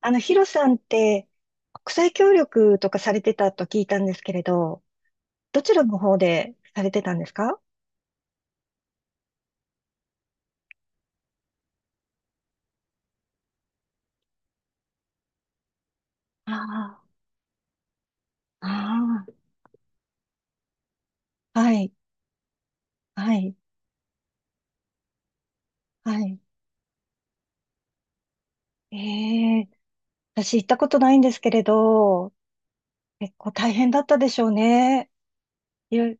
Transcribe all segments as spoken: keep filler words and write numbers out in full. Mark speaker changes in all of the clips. Speaker 1: あの、ヒロさんって、国際協力とかされてたと聞いたんですけれど、どちらの方でされてたんですか？ああ、ああ、はい、はい、はい。ええ、私行ったことないんですけれど、結構大変だったでしょうね。いろい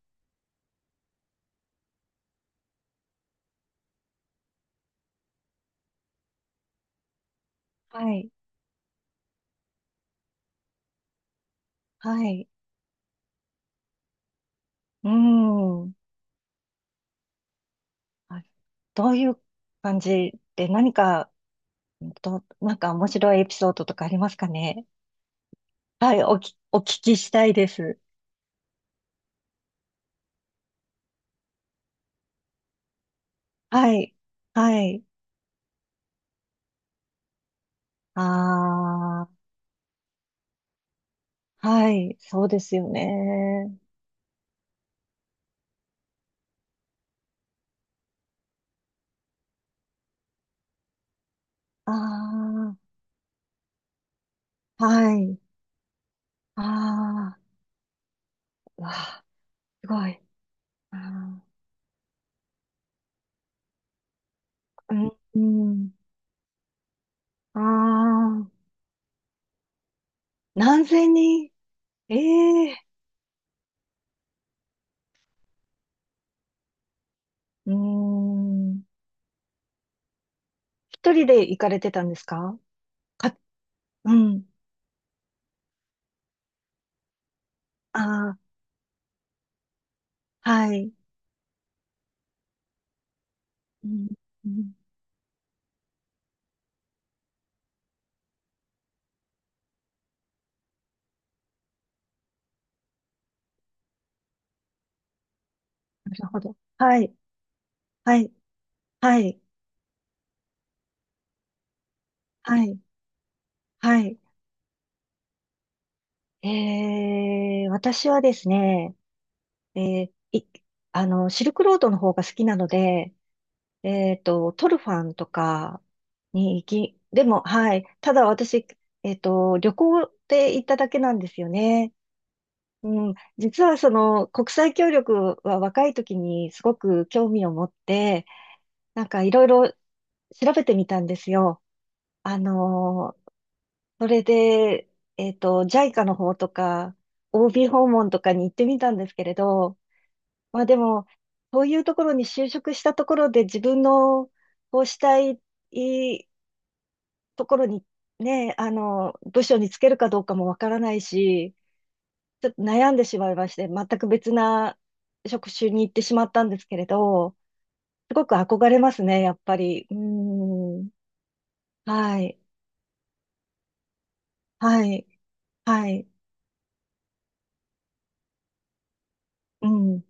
Speaker 1: はい、はい、うん。あ、どういう感じで何か、ど、なんか面白いエピソードとかありますかね？はい、おき、お聞きしたいです。はい、はい。ああ、はい、そうですよね。ああ、はい、ああ、うわ、すごい。あー、うん、うん、ああ、何千人、ええ、うーん、一人で行かれてたんですか？か、うん、ああ、はい、うん、うん、なるほど。はい、はい、はい、はい、はい。ええ、私はですね、えーい、あの、シルクロードの方が好きなので、えっと、トルファンとかに行き、でも、はい。ただ私、えっと、旅行で行っただけなんですよね。うん。実はその、国際協力は若い時にすごく興味を持って、なんかいろいろ調べてみたんですよ。あの、それで、えっと、JICA の方とか、オービー 訪問とかに行ってみたんですけれど、まあでも、そういうところに就職したところで自分のこうしたい、ところにね、あの、部署につけるかどうかもわからないし、ちょっと悩んでしまいまして、全く別な職種に行ってしまったんですけれど、すごく憧れますね、やっぱり。うーん。はい。はい。はい。うん。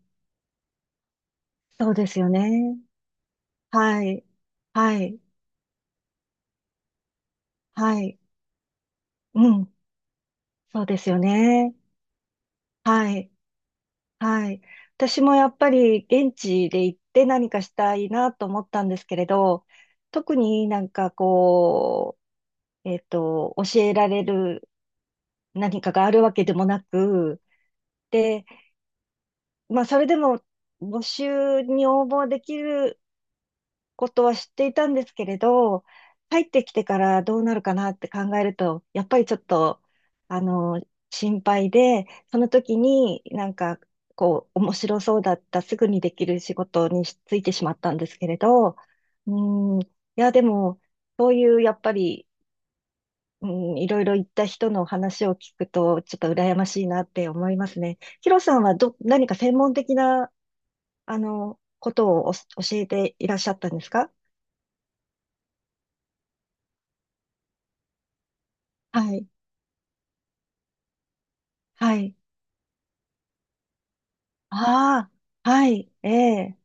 Speaker 1: そうですよね。はい。はい。はい。うん。そうですよね。はい。はい。私もやっぱり現地で行って何かしたいなと思ったんですけれど、特になんかこう、えっと、教えられる何かがあるわけでもなく、で、まあ、それでも募集に応募できることは知っていたんですけれど、入ってきてからどうなるかなって考えると、やっぱりちょっと、あの、心配で、その時になんか、こう、面白そうだった、すぐにできる仕事にしついてしまったんですけれど、うん、いや、でも、そういう、やっぱり、うん、いろいろ言った人の話を聞くと、ちょっと羨ましいなって思いますね。ヒロさんはど、何か専門的な、あの、ことをお教えていらっしゃったんですか？はい。はい。ああ、はい、ええ、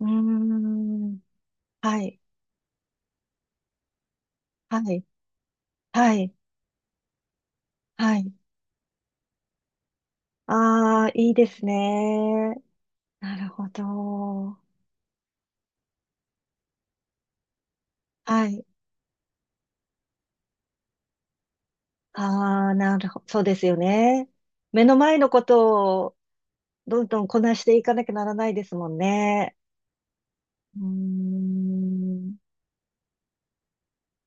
Speaker 1: うーん、はい、はい、はい、はい。ああ、いいですね。なるほど。はい。ああ、なるほど。そうですよね。目の前のことをどんどんこなしていかなきゃならないですもんね。うーん、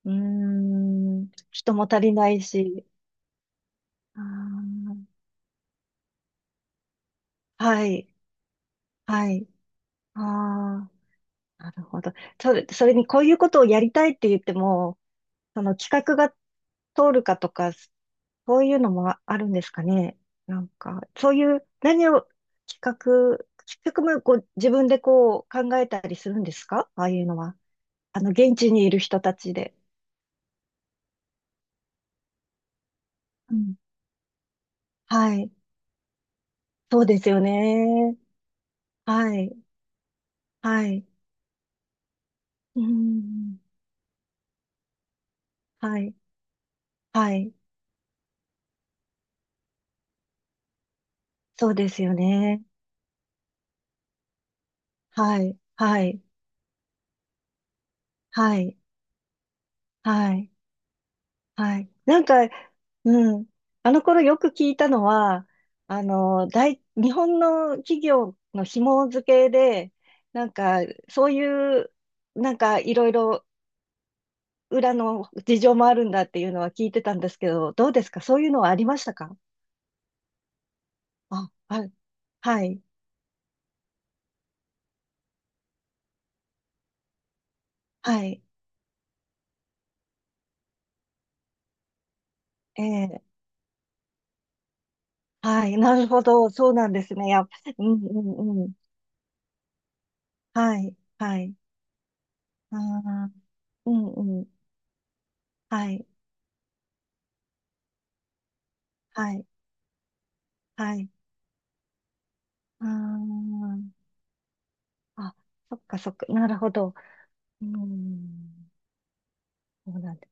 Speaker 1: うーん、人も足りないし。ああ、はい、はい。ああ。なるほど。それ、それにこういうことをやりたいって言っても、その企画が通るかとか、そういうのもあるんですかね。なんか、そういう何を企画、企画もこう自分でこう考えたりするんですか？ああいうのは。あの、現地にいる人たちで。うん。はい。そうですよね。はい。はい。うん。はい。はい。そうですよね。はい。はい。はい。はい。はい。なんか、うん。あの頃よく聞いたのは、あの、大、日本の企業の紐付けで、なんか、そういう、なんか、いろいろ裏の事情もあるんだっていうのは聞いてたんですけど、どうですか、そういうのはありましたか？あ、あ、はい、はい、ええ、はい、なるほど、そうなんですね。やっ、うん、うん、うん。はい、はい、ああ、うん、うん、はい、はい、はい、あー、あ、そっかそっか。なるほど。うん。そうなんだ。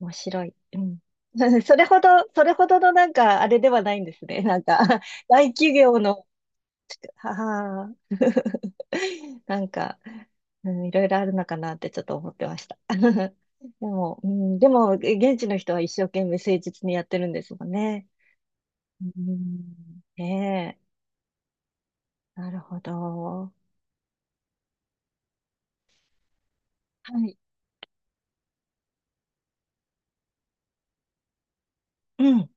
Speaker 1: 面白い。うん。それほど、それほどのなんか、あれではないんですね。なんか、大企業の、はは なんか、うん、いろいろあるのかなってちょっと思ってました。でも、うん、でも、現地の人は一生懸命誠実にやってるんですもんね。うん、ねえ、なるほど。はい。うん。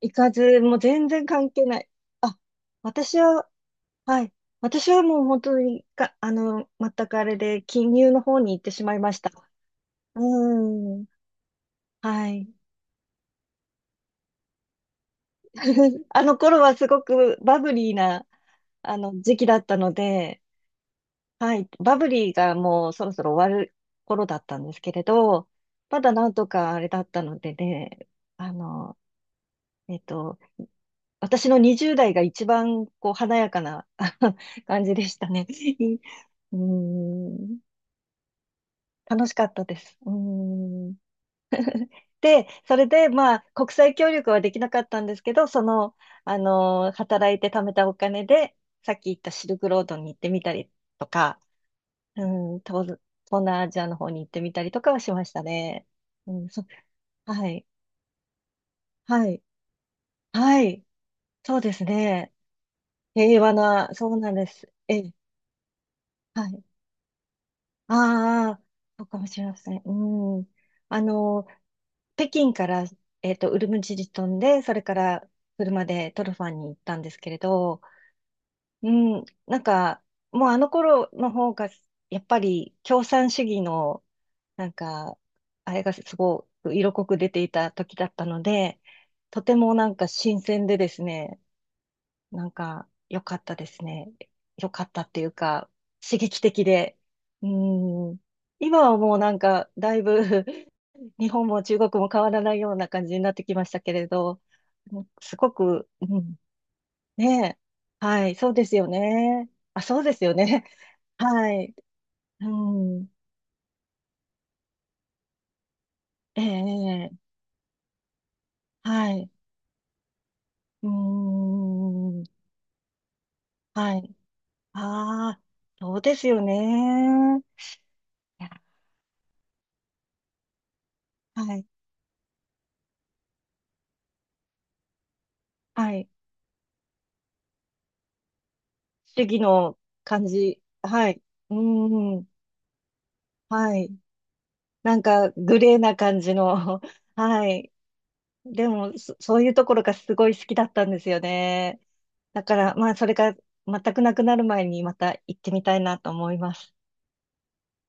Speaker 1: 行かず、もう全然関係ない。あ、私は、はい。私はもう本当にか、あの、全くあれで、金融の方に行ってしまいました。うーん。はい。あの頃はすごくバブリーな、あの、時期だったので、はい。バブリーがもうそろそろ終わる頃だったんですけれど、まだなんとかあれだったのでね、あの、えっと、私のにじゅう代が一番こう華やかなあの 感じでしたね。うーん。楽しかったです。うーん。で、それで、まあ、国際協力はできなかったんですけど、その、あのー働いて貯めたお金で、さっき言ったシルクロードに行ってみたりとか、うん、東、東南アジアの方に行ってみたりとかはしましたね。うん、そ、はい、はい、はい、そうですね。平和な、そうなんです。ええ、はい。ああ、そうかもしれません。うん。あの、北京から、えっと、ウルムチに飛んで、それから車でトルファンに行ったんですけれど、うん、なんか、もうあの頃の方が、やっぱり共産主義の、なんか、あれがすごく色濃く出ていた時だったので、とてもなんか新鮮でですね、なんか、良かったですね。良かったっていうか、刺激的で。うん。今はもうなんか、だいぶ 日本も中国も変わらないような感じになってきましたけれど、うん、すごく、うん、ねえ。はい、そうですよね。あ、そうですよね。はい。うん。ええ、ええ、はい。うーん。はい。ああ、そうですよね。いや、はい。はい。主義の感じ。はい。うーん。はい。なんか、グレーな感じの。はい。でも、そ、そういうところがすごい好きだったんですよね。だから、まあ、それが全くなくなる前にまた行ってみたいなと思います。